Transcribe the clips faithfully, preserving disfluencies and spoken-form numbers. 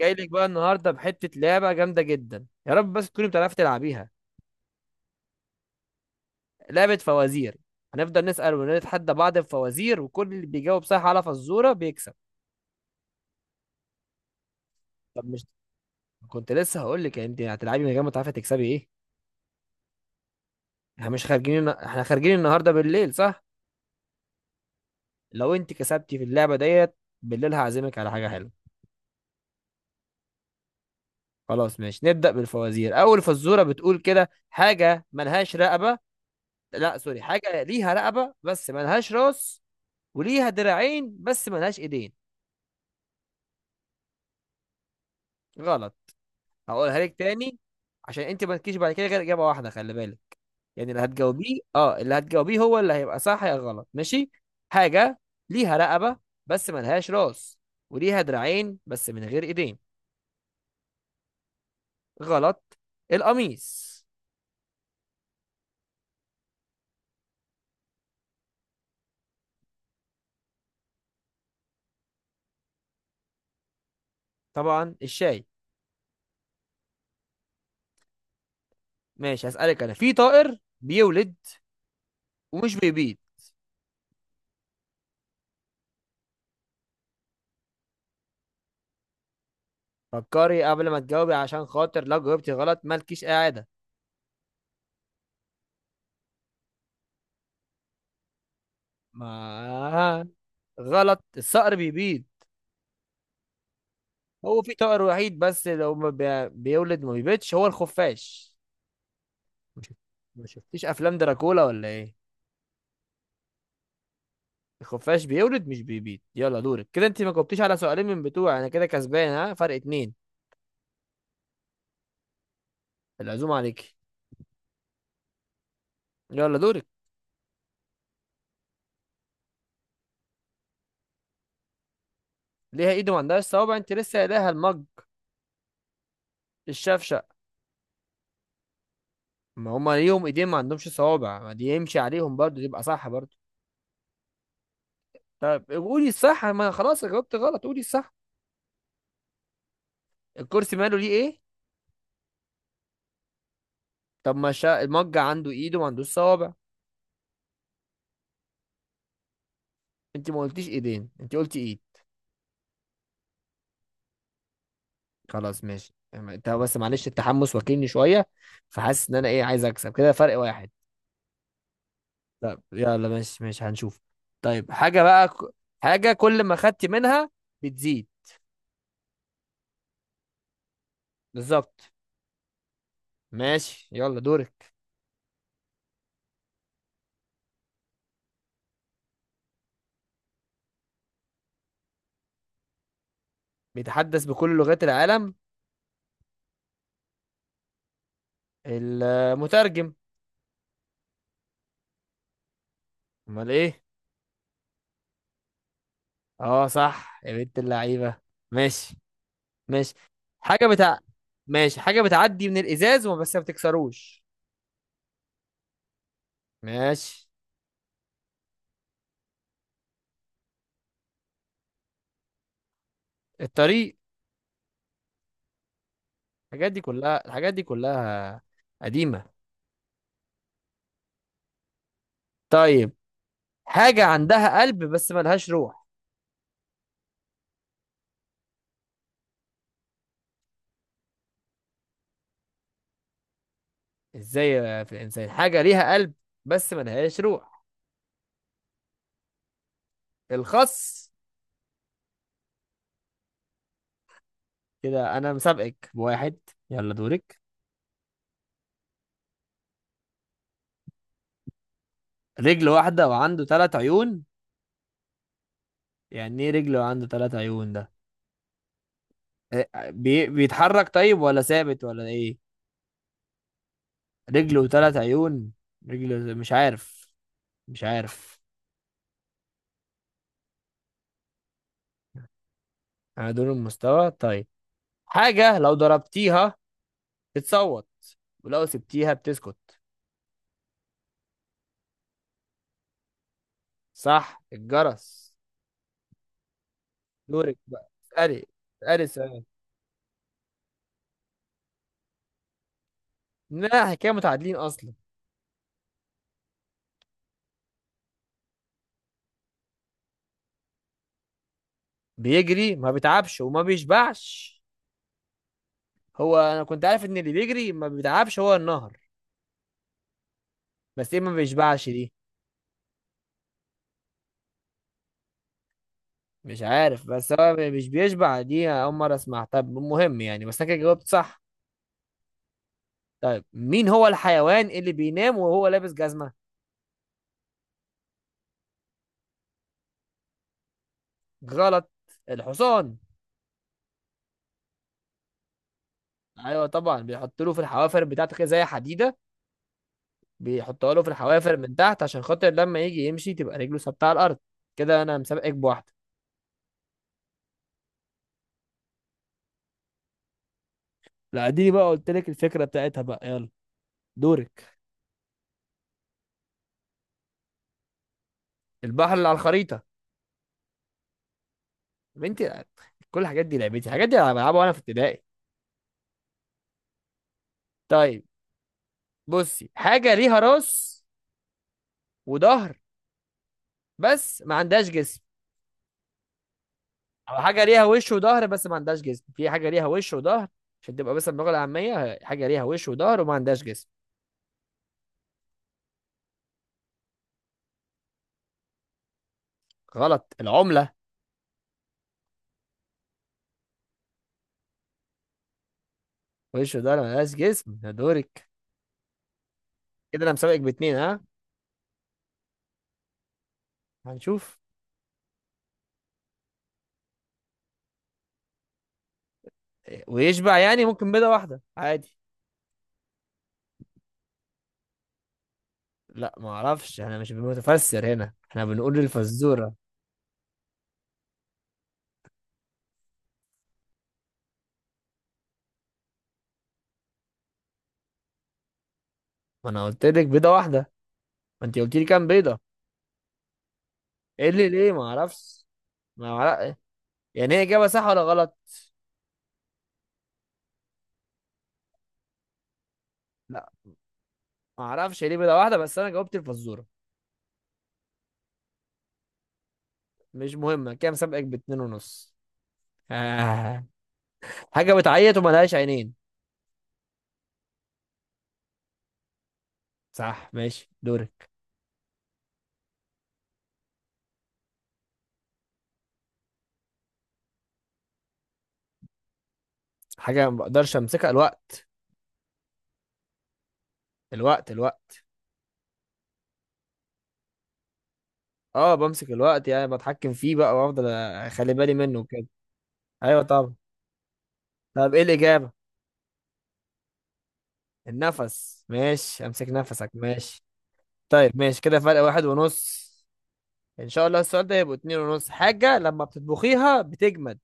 جاي لك بقى النهارده بحته لعبه جامده جدا يا رب، بس تكوني بتعرفي تلعبيها. لعبه فوازير. هنفضل نسال ونتحدى بعض في فوازير، وكل اللي بيجاوب صح على فزوره بيكسب. طب مش كنت لسه هقول لك، يعني انت هتلعبي من غير ما تعرفي تكسبي ايه؟ احنا مش خارجين، احنا خارجين النهارده بالليل، صح؟ لو انت كسبتي في اللعبه ديت بالليل هعزمك على حاجه حلوه. خلاص ماشي، نبدا بالفوازير. اول فزوره بتقول كده: حاجه ملهاش رقبه. لا سوري، حاجه ليها رقبه بس ملهاش راس، وليها دراعين بس ملهاش ايدين. غلط. هقولها لك تاني. عشان انت ما تجيش بعد كده غير اجابه واحده، خلي بالك. يعني اللي هتجاوبيه اه اللي هتجاوبيه هو اللي هيبقى صح يا غلط، ماشي؟ حاجه ليها رقبه بس ملهاش راس، وليها دراعين بس من غير ايدين. غلط. القميص. طبعا الشاي. ماشي هسألك، انا في طائر بيولد ومش بيبيض. فكري قبل ما تجاوبي عشان خاطر لو جاوبتي غلط مالكيش قاعده. ما غلط، الصقر بيبيض. هو في طائر وحيد بس لو ما بي- بيولد ما بيبيضش، هو الخفاش. ما شف- ما شفتيش افلام دراكولا ولا ايه؟ الخفاش بيولد مش بيبيض. يلا دورك، كده انت ما جاوبتيش على سؤالين من بتوع انا، كده كسبان، ها؟ فرق اتنين. العزومه عليك. يلا دورك. ليها ايد وما عندهاش صوابع؟ انت لسه قايلها المج. الشفشق. ما هما ليهم ايدين ما عندهمش صوابع، ما دي يمشي عليهم برضو يبقى صح برضو. طب قولي الصح، ما خلاص جاوبت غلط، قولي الصح. الكرسي ماله؟ ليه؟ ايه؟ طب ما شا... المج عنده ايد وما عندوش صوابع. انت ما قلتيش ايدين، انت قلتي ايد. خلاص ماشي، اما انت بس معلش التحمس واكلني شويه، فحاسس ان انا ايه عايز اكسب كده فرق واحد. طب يلا ماشي ماشي، هنشوف. طيب حاجه بقى ك- حاجه كل ما خدت منها بتزيد. بالظبط. ماشي يلا دورك. بيتحدث بكل لغات العالم. المترجم. امال ايه؟ اه صح، يا بنت اللعيبه. ماشي. ماشي حاجه بتاع. ماشي، حاجه بتعدي من الازاز وما بس ما بتكسروش. ماشي. الطريق. الحاجات دي كلها الحاجات دي كلها قديمة. طيب، حاجة عندها قلب بس ملهاش روح. ازاي في الإنسان حاجة ليها قلب بس ملهاش روح؟ الخس. كده أنا مسابقك بواحد، يلا دورك. رجل واحدة وعنده ثلاث عيون. يعني ايه رجل وعنده ثلاث عيون ده؟ إيه، بي... بيتحرك طيب ولا ثابت ولا ايه؟ رجل وثلاث عيون. رجل، مش عارف. مش عارف. انا دول المستوى طيب. حاجة لو ضربتيها بتصوت ولو سبتيها بتسكت. صح، الجرس. دورك بقى، اسألي اسألي سؤال. لا احنا كده متعادلين اصلا. بيجري ما بيتعبش وما بيشبعش. هو انا كنت عارف ان اللي بيجري ما بيتعبش هو النهر، بس ايه ما بيشبعش دي؟ مش عارف، بس هو مش بيشبع دي اول مره اسمعها. طب مهم يعني، بس انا كده جاوبت صح. طيب مين هو الحيوان اللي بينام وهو لابس جزمه؟ غلط. الحصان. ايوه طبعا، بيحط له في الحوافر بتاعته كده زي حديده، بيحطها له في الحوافر من تحت عشان خاطر لما يجي يمشي تبقى رجله ثابته على الارض. كده انا مسابقك بواحده. لا دي بقى قلت لك الفكره بتاعتها، بقى يلا دورك. البحر اللي على الخريطه. يا بنتي، كل الحاجات دي لعبتي، الحاجات دي انا بلعبها وانا في ابتدائي. طيب، بصي، حاجه ليها راس وظهر بس ما عندهاش جسم، او حاجه ليها وش وظهر بس ما عندهاش جسم. في حاجه ليها وش وظهر، عشان تبقى بس اللغه العاميه، حاجه ليها وش وظهر وما عندهاش جسم. غلط، العمله. وش وظهر ما لهاش جسم، ده دورك. كده انا مسابقك باتنين، ها؟ هنشوف. ويشبع يعني، ممكن بيضة واحدة عادي. لا ما اعرفش، انا مش متفسر هنا، احنا بنقول الفزورة. ما انا قلت لك بيضة واحدة. ما انت قلت لي كام بيضة. ايه اللي ليه؟ ما اعرفش. ما اعرف. يعني هي اجابة صح ولا غلط؟ لا ما اعرفش هي ليه بيضة واحدة، بس انا جاوبت الفزورة. مش مهمة كام، سابقك باتنين ونص. آه. حاجة بتعيط وملهاش عينين. صح ماشي دورك. حاجة ما بقدرش امسكها. الوقت. الوقت الوقت. اه بمسك الوقت، يعني بتحكم فيه بقى وافضل اخلي بالي منه وكده. ايوه طبعا. طب ايه الاجابه؟ النفس، ماشي، امسك نفسك، ماشي. طيب ماشي، كده فرق واحد ونص. ان شاء الله السؤال ده يبقوا اتنين ونص. حاجه لما بتطبخيها بتجمد.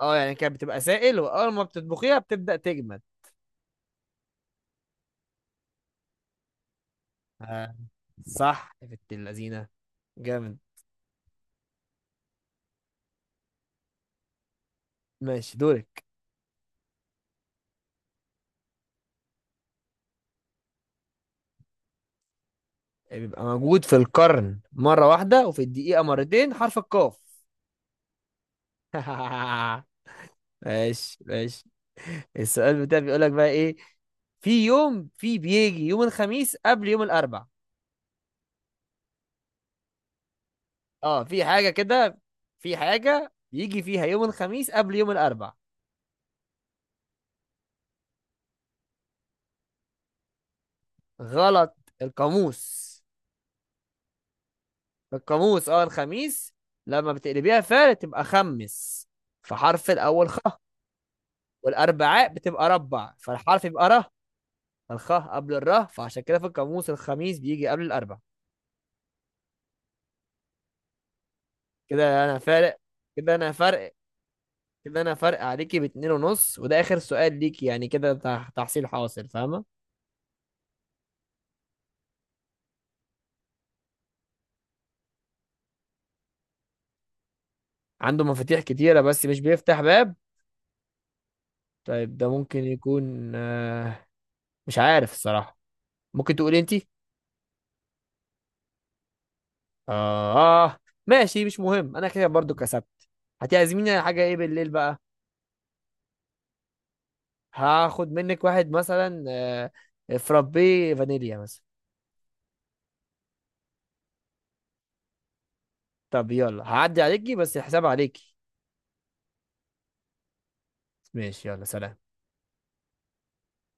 اه يعني كانت بتبقى سائل واول ما بتطبخيها بتبدا تجمد. آه. صح يا بنت اللذينه، جامد. ماشي دورك. بيبقى موجود في القرن مره واحده وفي الدقيقه مرتين. حرف القاف. ماشي ماشي. السؤال بتاعي بيقول لك بقى ايه: في يوم في بيجي يوم الخميس قبل يوم الاربع. اه، في حاجة كده، في حاجة بيجي فيها يوم الخميس قبل يوم الاربع. غلط. القاموس. القاموس، اه الخميس لما بتقلبيها فعلا تبقى خمس، فحرف الاول خ. والاربعاء بتبقى ربع، فالحرف يبقى ره. الخاء قبل الره، فعشان كده في القاموس الخميس بيجي قبل الاربع. كده انا فارق كده انا فرق كده انا فرق عليكي باتنين ونص، وده اخر سؤال ليكي، يعني كده تح- تحصيل حاصل، فاهمه؟ عنده مفاتيح كتيره بس مش بيفتح باب. طيب، ده ممكن يكون آه مش عارف الصراحه، ممكن تقولي انتي. اه. آه، ماشي مش مهم، انا كده برضو كسبت. هتعزميني على حاجه ايه بالليل بقى؟ هاخد منك واحد مثلا، آه فرابي فانيليا مثلا. طب يلا، هعدي عليكي بس الحساب عليكي. ماشي يلا، سلام.